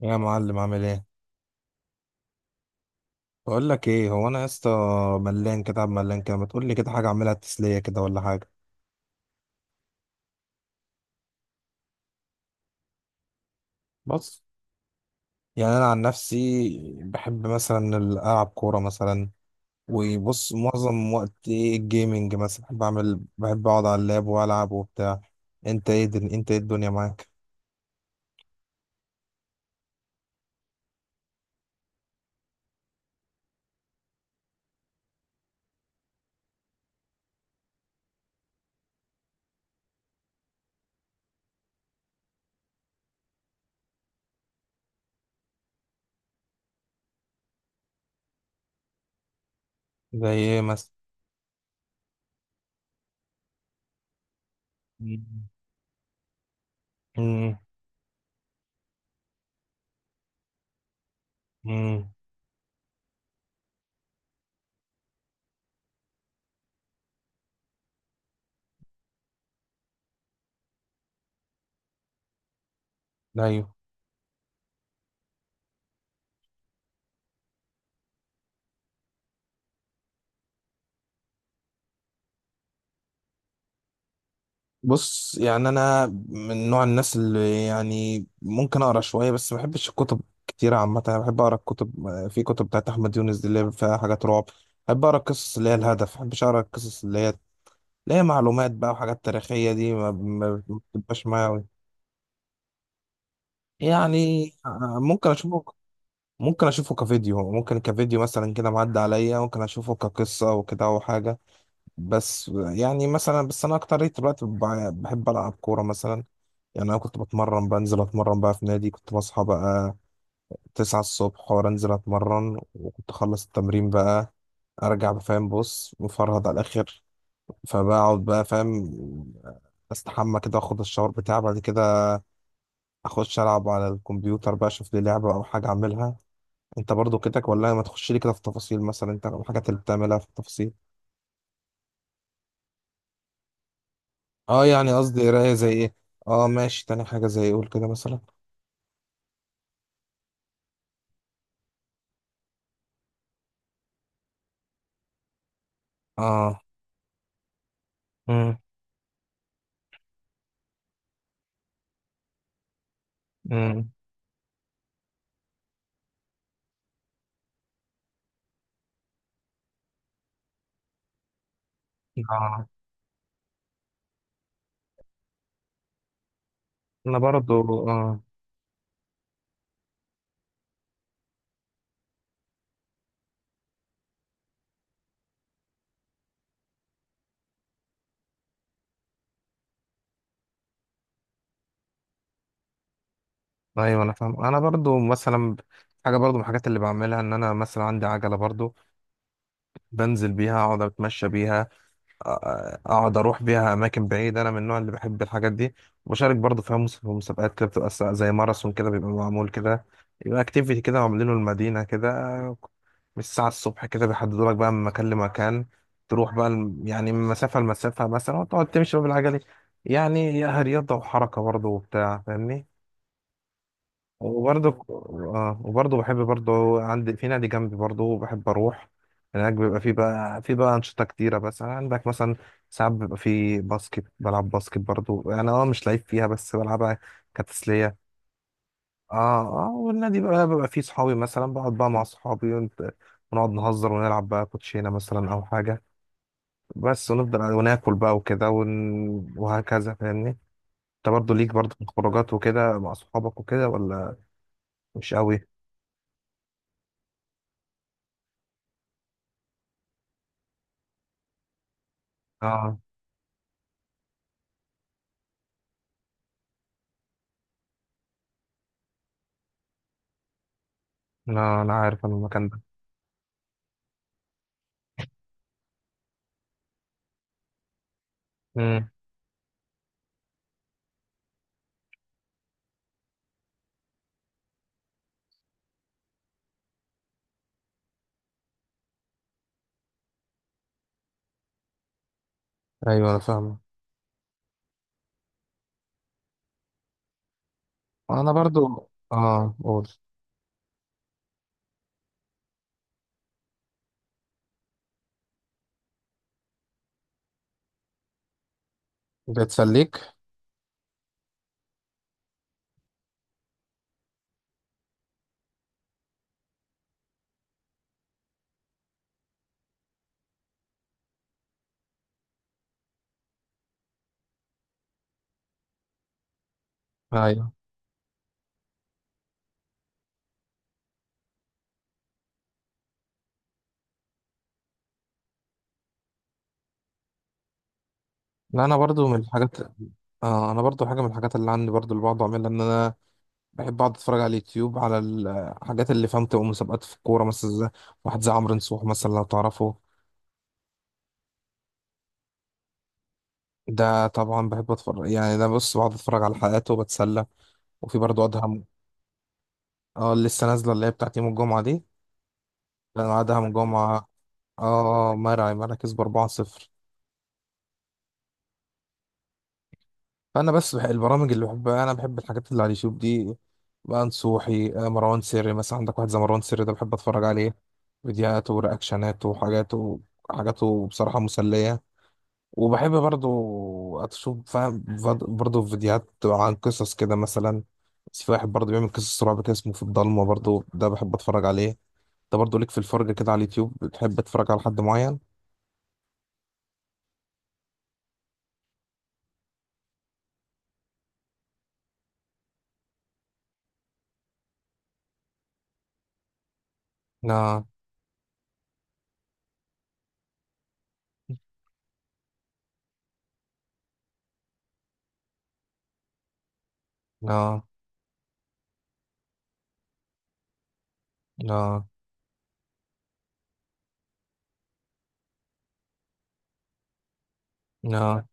يا معلم، عامل ايه؟ بقول لك ايه، هو انا يا اسطى ملان كده، ملان كده، ما تقول لي كده حاجه اعملها تسليه كده، ولا حاجه؟ بص، يعني انا عن نفسي بحب مثلا العب كوره مثلا. وبص، معظم وقت ايه، الجيمنج مثلا، بحب اقعد على اللاب والعب وبتاع. انت ايه انت ايه الدنيا معاك؟ زي ايه مثلا؟ امم. امم. ايوه. بص، يعني انا من نوع الناس اللي يعني ممكن اقرا شويه، بس ما بحبش الكتب كتير عامه. انا بحب اقرا الكتب، في كتب بتاعت احمد يونس دي اللي هي فيها حاجات رعب. بحب اقرا القصص اللي هي الهدف، ما بحبش اقرا القصص اللي هي معلومات بقى، وحاجات تاريخيه دي، ما بتبقاش معايا أوي. يعني ممكن اشوفه ممكن اشوفه كفيديو مثلا كده، معدي عليا، ممكن اشوفه كقصه وكده او حاجه. بس يعني مثلا، بس انا اكتر دلوقتي بحب العب كوره مثلا. يعني انا كنت بتمرن، بنزل اتمرن بقى في نادي، كنت بصحى بقى تسعة الصبح وانزل اتمرن، وكنت اخلص التمرين بقى ارجع بقى، فاهم؟ بص، مفرهد على الاخر. فبقعد بقى فاهم، استحمى كده، اخد الشاور بتاعي، بعد كده اخش العب على الكمبيوتر بقى، اشوف لي لعبة او حاجة اعملها. انت برضو كده، ولا ما تخش لي كده في التفاصيل؟ مثلا انت الحاجات اللي بتعملها في التفاصيل؟ اه، يعني قصدي قراية زي ايه؟ اه ماشي، تاني حاجة زي ايه؟ قول كده مثلا. اه. امم. امم. آه. انا برضو اه. ايوه انا فاهم، انا برضو مثلا حاجه برضو من الحاجات اللي بعملها ان انا مثلا عندي عجله برضو، بنزل بيها اقعد اتمشى بيها. أ- اقعد اروح بيها اماكن بعيده، انا من النوع اللي بحب الحاجات دي. وبشارك برضو فيها، في مسابقات كده، بتبقى زي ماراثون كده بيبقى معمول كده. يبقى اكتيفيتي كده عاملينه المدينه كده، من الساعه الصبح كده بيحددوا لك بقى من مكان لمكان، تروح بقى يعني من مسافه لمسافه مثلا، وتقعد تمشي بقى بالعجله. يعني هي رياضه وحركه برضو وبتاع، فاهمني؟ وبرضه اه، وبرضه بحب برضه، عندي في نادي جنبي برضه بحب اروح هناك. بيبقى في بقى انشطه كتيره، بس يعني عندك مثلا ساعات بيبقى في باسكت، بلعب باسكت برضه انا، اه مش لعيب فيها بس بلعبها كتسليه. اه. اه، والنادي بقى بيبقى فيه صحابي مثلا، بقعد بقى مع صحابي ونقعد نهزر ونلعب بقى كوتشينه مثلا او حاجه بس، ونفضل وناكل بقى وكده وهكذا، فاهمني؟ انت برضه ليك برضه في الخروجات وكده مع صحابك وكده، ولا مش قوي؟ اه. انا عارف أنا المكان ده. امم. ايوه انا فاهمه. انا برضو اه، قول. بتسليك؟ ايوه. لا. انا برضو من الحاجات، آه انا برضو حاجه من الحاجات اللي عندي برضو اللي بقعد اعملها، ان انا بحب اقعد اتفرج على اليوتيوب، على الحاجات اللي فهمت مسابقات في الكوره مثلا، زي واحد زي عمرو نصوح مثلا لو تعرفه. ده طبعا بحب اتفرج، يعني ده بص، بقعد اتفرج على حلقاته وبتسلى. وفي برضو ادهم. اه اللي لسه نازله اللي هي بتاعت يوم الجمعه دي. انا ادهم جمعه، اه، مرعي مرعي كسب 4-0. البرامج اللي بحبها، انا بحب الحاجات اللي على اليوتيوب دي بقى، نصوحي، آه، مروان سري مثلا. عندك واحد زي مروان سري ده بحب اتفرج عليه، فيديوهاته ورياكشناته وحاجاته، حاجاته بصراحة مسلية. وبحب برضو اشوف فاهم برضو فيديوهات عن قصص كده مثلا. في واحد برضو بيعمل قصص رعب كده اسمه في الضلمة، برضو ده بحب اتفرج عليه. ده برضو ليك في الفرجة كده على اليوتيوب، بتحب تتفرج على حد معين؟ لا. لا. لا. لا.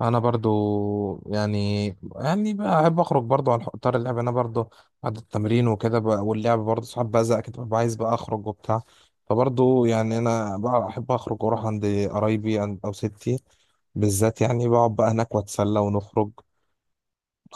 انا برضو يعني، يعني بحب اخرج برضو على اطار اللعب، انا برضو بعد التمرين وكده واللعب برضو ساعات بزهق كده، ببقى عايز بقى اخرج وبتاع. فبرضو يعني انا بقى احب اخرج واروح عند قرايبي، او ستي بالذات، يعني بقعد بقى هناك واتسلى ونخرج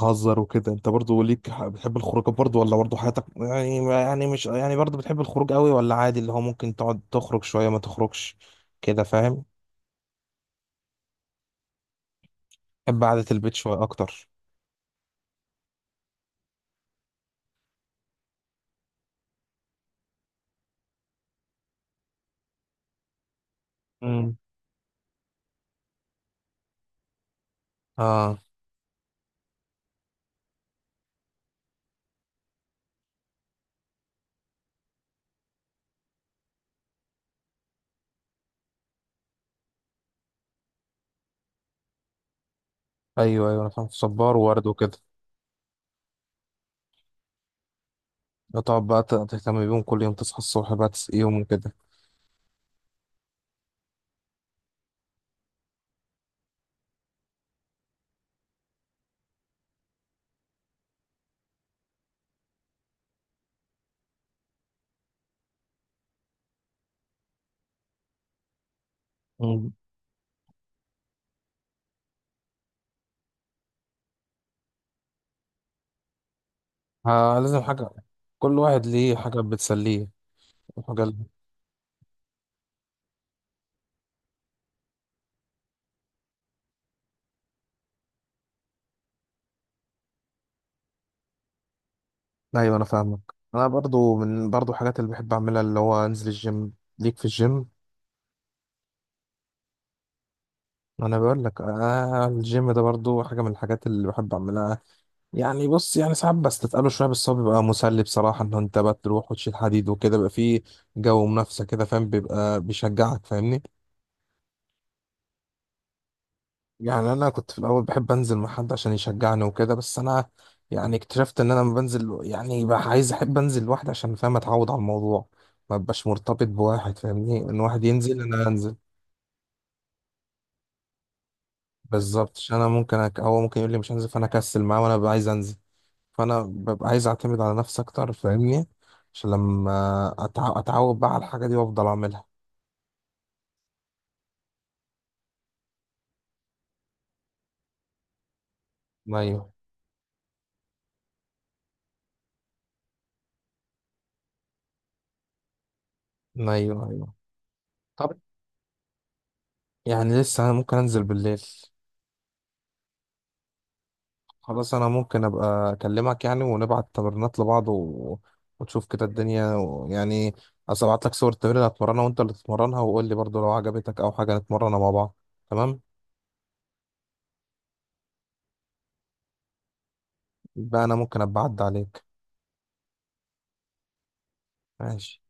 نهزر وكده. انت برضو ليك بتحب الخروج برضو، ولا برضو حياتك يعني، يعني مش يعني برضو بتحب الخروج قوي، ولا عادي اللي هو ممكن تقعد تخرج شوية ما تخرجش كده، فاهم؟ بحب قعدة البيت شوية اكتر. مم. اه. ايوه ايوه انا فاهم، صبار وورد وكده. تقعد بقى تهتم بيهم كل يوم، تصحى الصبح بقى تسقيهم وكده. مم. آه لازم حاجة. كل واحد ليه حاجة بتسليه وحاجة ايوه انا فاهمك. انا برضو من برضو حاجات اللي بحب اعملها اللي هو انزل الجيم. ليك في الجيم؟ انا بقول لك آه، الجيم ده برضو حاجة من الحاجات اللي بحب اعملها. يعني بص يعني ساعات بستثقله شوية، بس هو بيبقى مسلي بصراحة، ان انت بقى تروح وتشيل حديد وكده، بيبقى فيه جو منافسة كده فاهم، بيبقى بيشجعك، فاهمني؟ يعني انا كنت في الاول بحب انزل مع حد عشان يشجعني وكده، بس انا يعني اكتشفت ان انا لما بنزل يعني بقى عايز، احب انزل لوحدي، عشان فاهم اتعود على الموضوع، ما ببقاش مرتبط بواحد، فاهمني؟ ان واحد ينزل انا انزل. بالظبط، عشان انا ممكن هو ممكن يقول لي مش هنزل فانا اكسل معاه، وانا ببقى عايز انزل. فانا ببقى عايز اعتمد على نفسي اكتر، فاهمني؟ عشان لما اتعود بقى على الحاجه دي وافضل اعملها. ايوه. ايوه. ايوه. طب يعني لسه، انا ممكن انزل بالليل. خلاص، انا ممكن ابقى اكلمك يعني، ونبعت تمرينات لبعض، و... وتشوف كده الدنيا، و... يعني أصل ابعت لك صور التمرين اللي هتمرنها، وانت اللي تتمرنها، وقول لي برضو لو عجبتك او حاجه نتمرنها مع بعض، تمام؟ يبقى انا ممكن ابقى اعدي عليك. ماشي.